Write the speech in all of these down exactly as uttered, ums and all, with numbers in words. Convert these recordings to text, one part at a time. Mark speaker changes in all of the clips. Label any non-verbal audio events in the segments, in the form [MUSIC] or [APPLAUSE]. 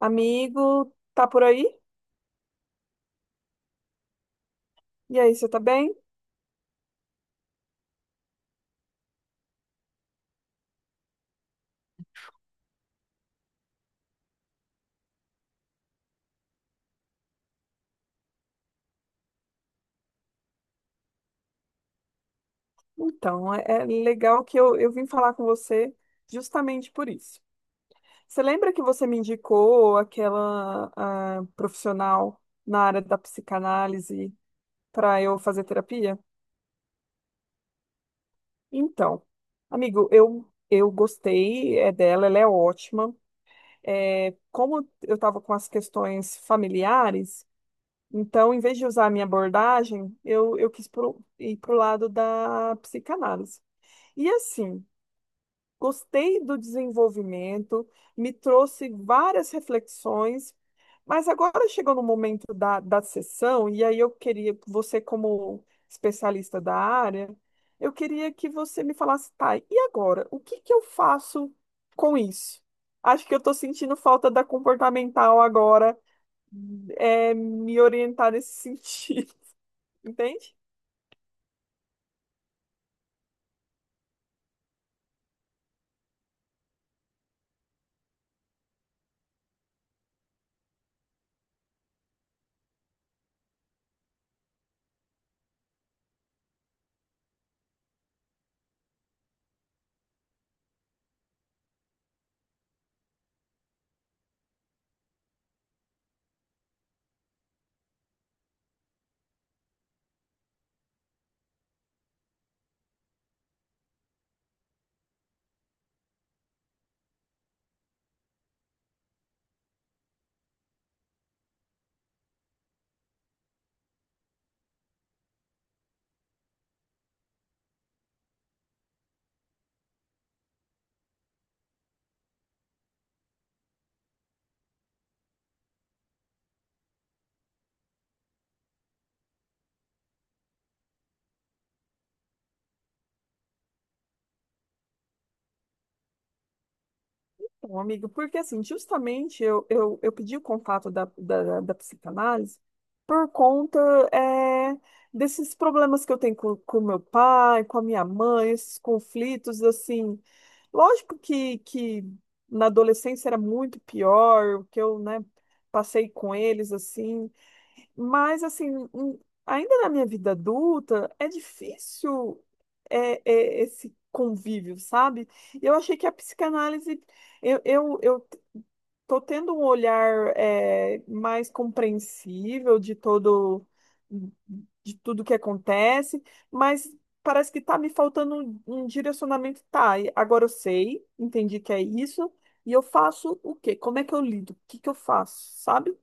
Speaker 1: Amigo, tá por aí? E aí, você tá bem? Então, é, é legal que eu, eu vim falar com você justamente por isso. Você lembra que você me indicou aquela ah, profissional na área da psicanálise para eu fazer terapia? Então, amigo, eu, eu gostei é dela, ela é ótima. É, como eu estava com as questões familiares, então, em vez de usar a minha abordagem, eu, eu quis pro- ir para o lado da psicanálise. E assim, gostei do desenvolvimento, me trouxe várias reflexões, mas agora chegou no momento da, da sessão, e aí eu queria, você como especialista da área, eu queria que você me falasse, tá, e agora? O que que eu faço com isso? Acho que eu estou sentindo falta da comportamental agora, é, me orientar nesse sentido, [LAUGHS] entende? Então, amigo, porque assim, justamente eu, eu, eu pedi o contato da, da, da psicanálise por conta é, desses problemas que eu tenho com, com meu pai, com a minha mãe, esses conflitos, assim. Lógico que, que na adolescência era muito pior o que eu, né, passei com eles, assim. Mas, assim, em- ainda na minha vida adulta, é difícil é, é, esse convívio, sabe? Eu achei que a psicanálise, eu, eu, eu tô tendo um olhar é, mais compreensível de todo, de tudo que acontece, mas parece que tá me faltando um, um direcionamento. Tá, e agora eu sei, entendi que é isso, e eu faço o quê? Como é que eu lido? O que que eu faço, sabe?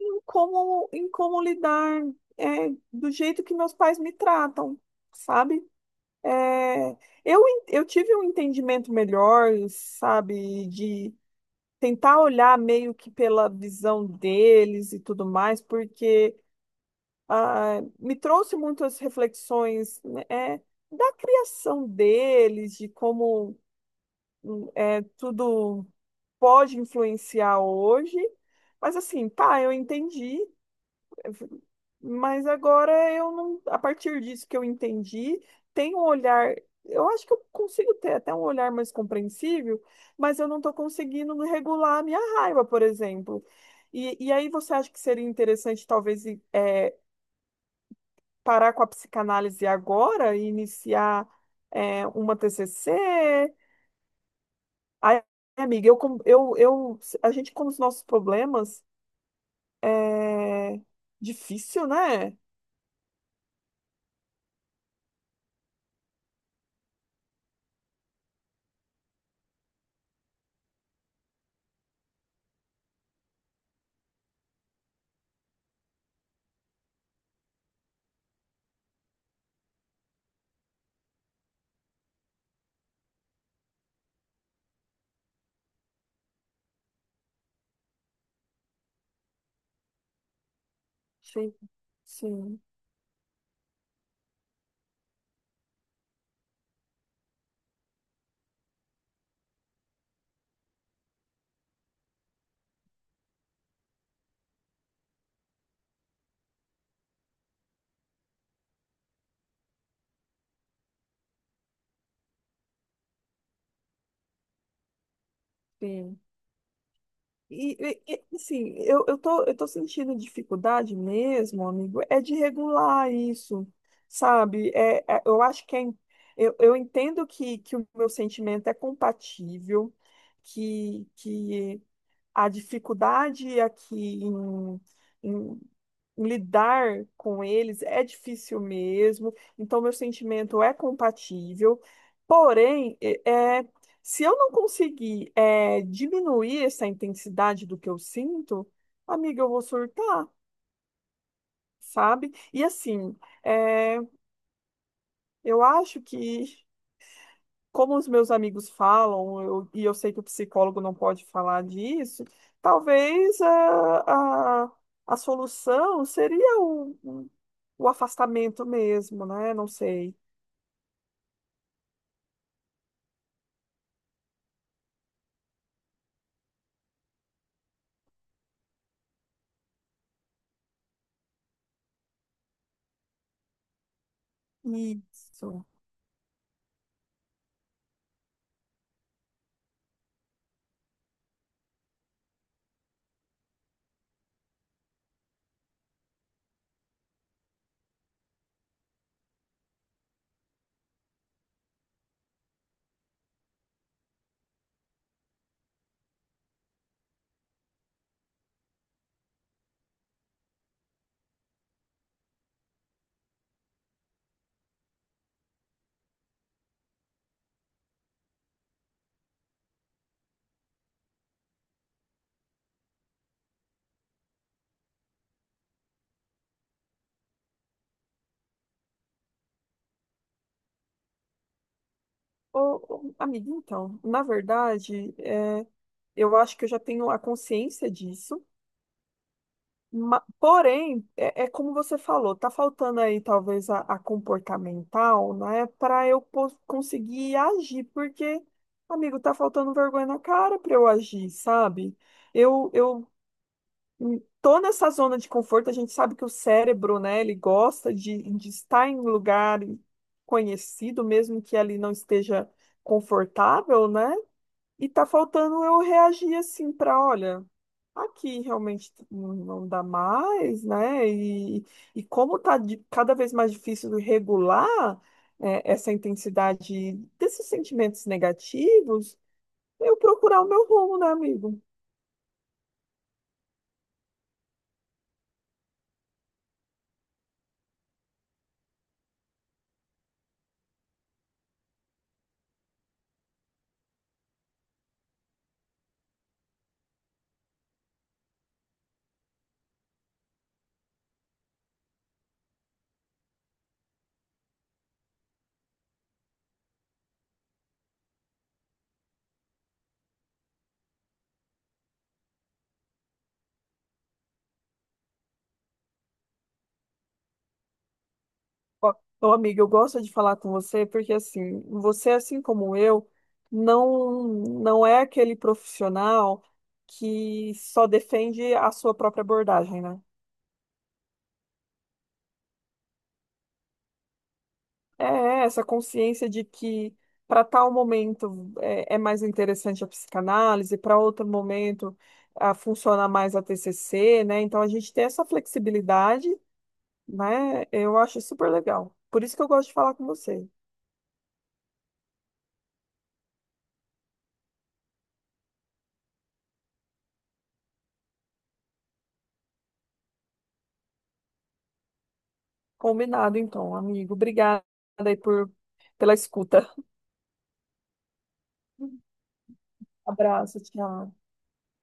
Speaker 1: Em como, em como lidar é, do jeito que meus pais me tratam, sabe? É, eu, en- eu tive um entendimento melhor, sabe, de tentar olhar meio que pela visão deles e tudo mais, porque ah, me trouxe muitas reflexões né, é, da criação deles, de como hum, é, tudo pode influenciar hoje. Mas assim, tá, eu entendi. Mas agora eu não, a partir disso que eu entendi, tem um olhar, eu acho que eu consigo ter até um olhar mais compreensível, mas eu não estou conseguindo regular a minha raiva, por exemplo. E, e aí você acha que seria interessante talvez i- eh, parar com a psicanálise agora e iniciar eh, uma T C C? Aí, amiga, eu, com- eu, eu, a gente com os nossos problemas é difícil, né? Sim. Sim. Sim. E, e, e, assim, eu, eu tô, eu tô sentindo dificuldade mesmo, amigo, é de regular isso, sabe? É, é- eu acho que é, im- eu, eu entendo que, que o meu sentimento é compatível, que, que a dificuldade aqui em, em lidar com eles é difícil mesmo, então meu sentimento é compatível, porém, é, é, se eu não conseguir é, diminuir essa intensidade do que eu sinto, amiga, eu vou surtar, sabe? E assim, é, eu acho que como os meus amigos falam, eu- e eu sei que o psicólogo não pode falar disso, talvez a, a, a solução seria o, o o afastamento mesmo, né? Não sei. Isso. Ô, ô, amiga, então, na verdade, é, eu acho que eu já tenho a consciência disso. Ma- Porém, é, é como você falou, tá faltando aí talvez a, a comportamental, né, para eu pos- conseguir agir, porque, amigo, tá faltando vergonha na cara para eu agir, sabe? Eu, eu hum, tô nessa zona de conforto, a gente sabe que o cérebro, né, ele gosta de, de estar em lugar conhecido, mesmo que ali não esteja confortável, né? E tá faltando eu reagir assim para, olha, aqui realmente não não dá mais, né? E, e como tá de- cada vez mais difícil regular é, essa intensidade desses sentimentos negativos, eu procurar o meu rumo, né, amigo? Ó, Ô, amiga, eu gosto de falar com você porque assim, você assim como eu, não não é aquele profissional que só defende a sua própria abordagem, né? É é, essa consciência de que para tal momento é, é mais interessante a psicanálise, para outro momento a, funciona mais a T C C, né? Então a gente tem essa flexibilidade, né? Eu acho super legal. Por isso que eu gosto de falar com você. Combinado, então, amigo. Obrigada aí por, pela escuta. [LAUGHS] Abraço, tchau.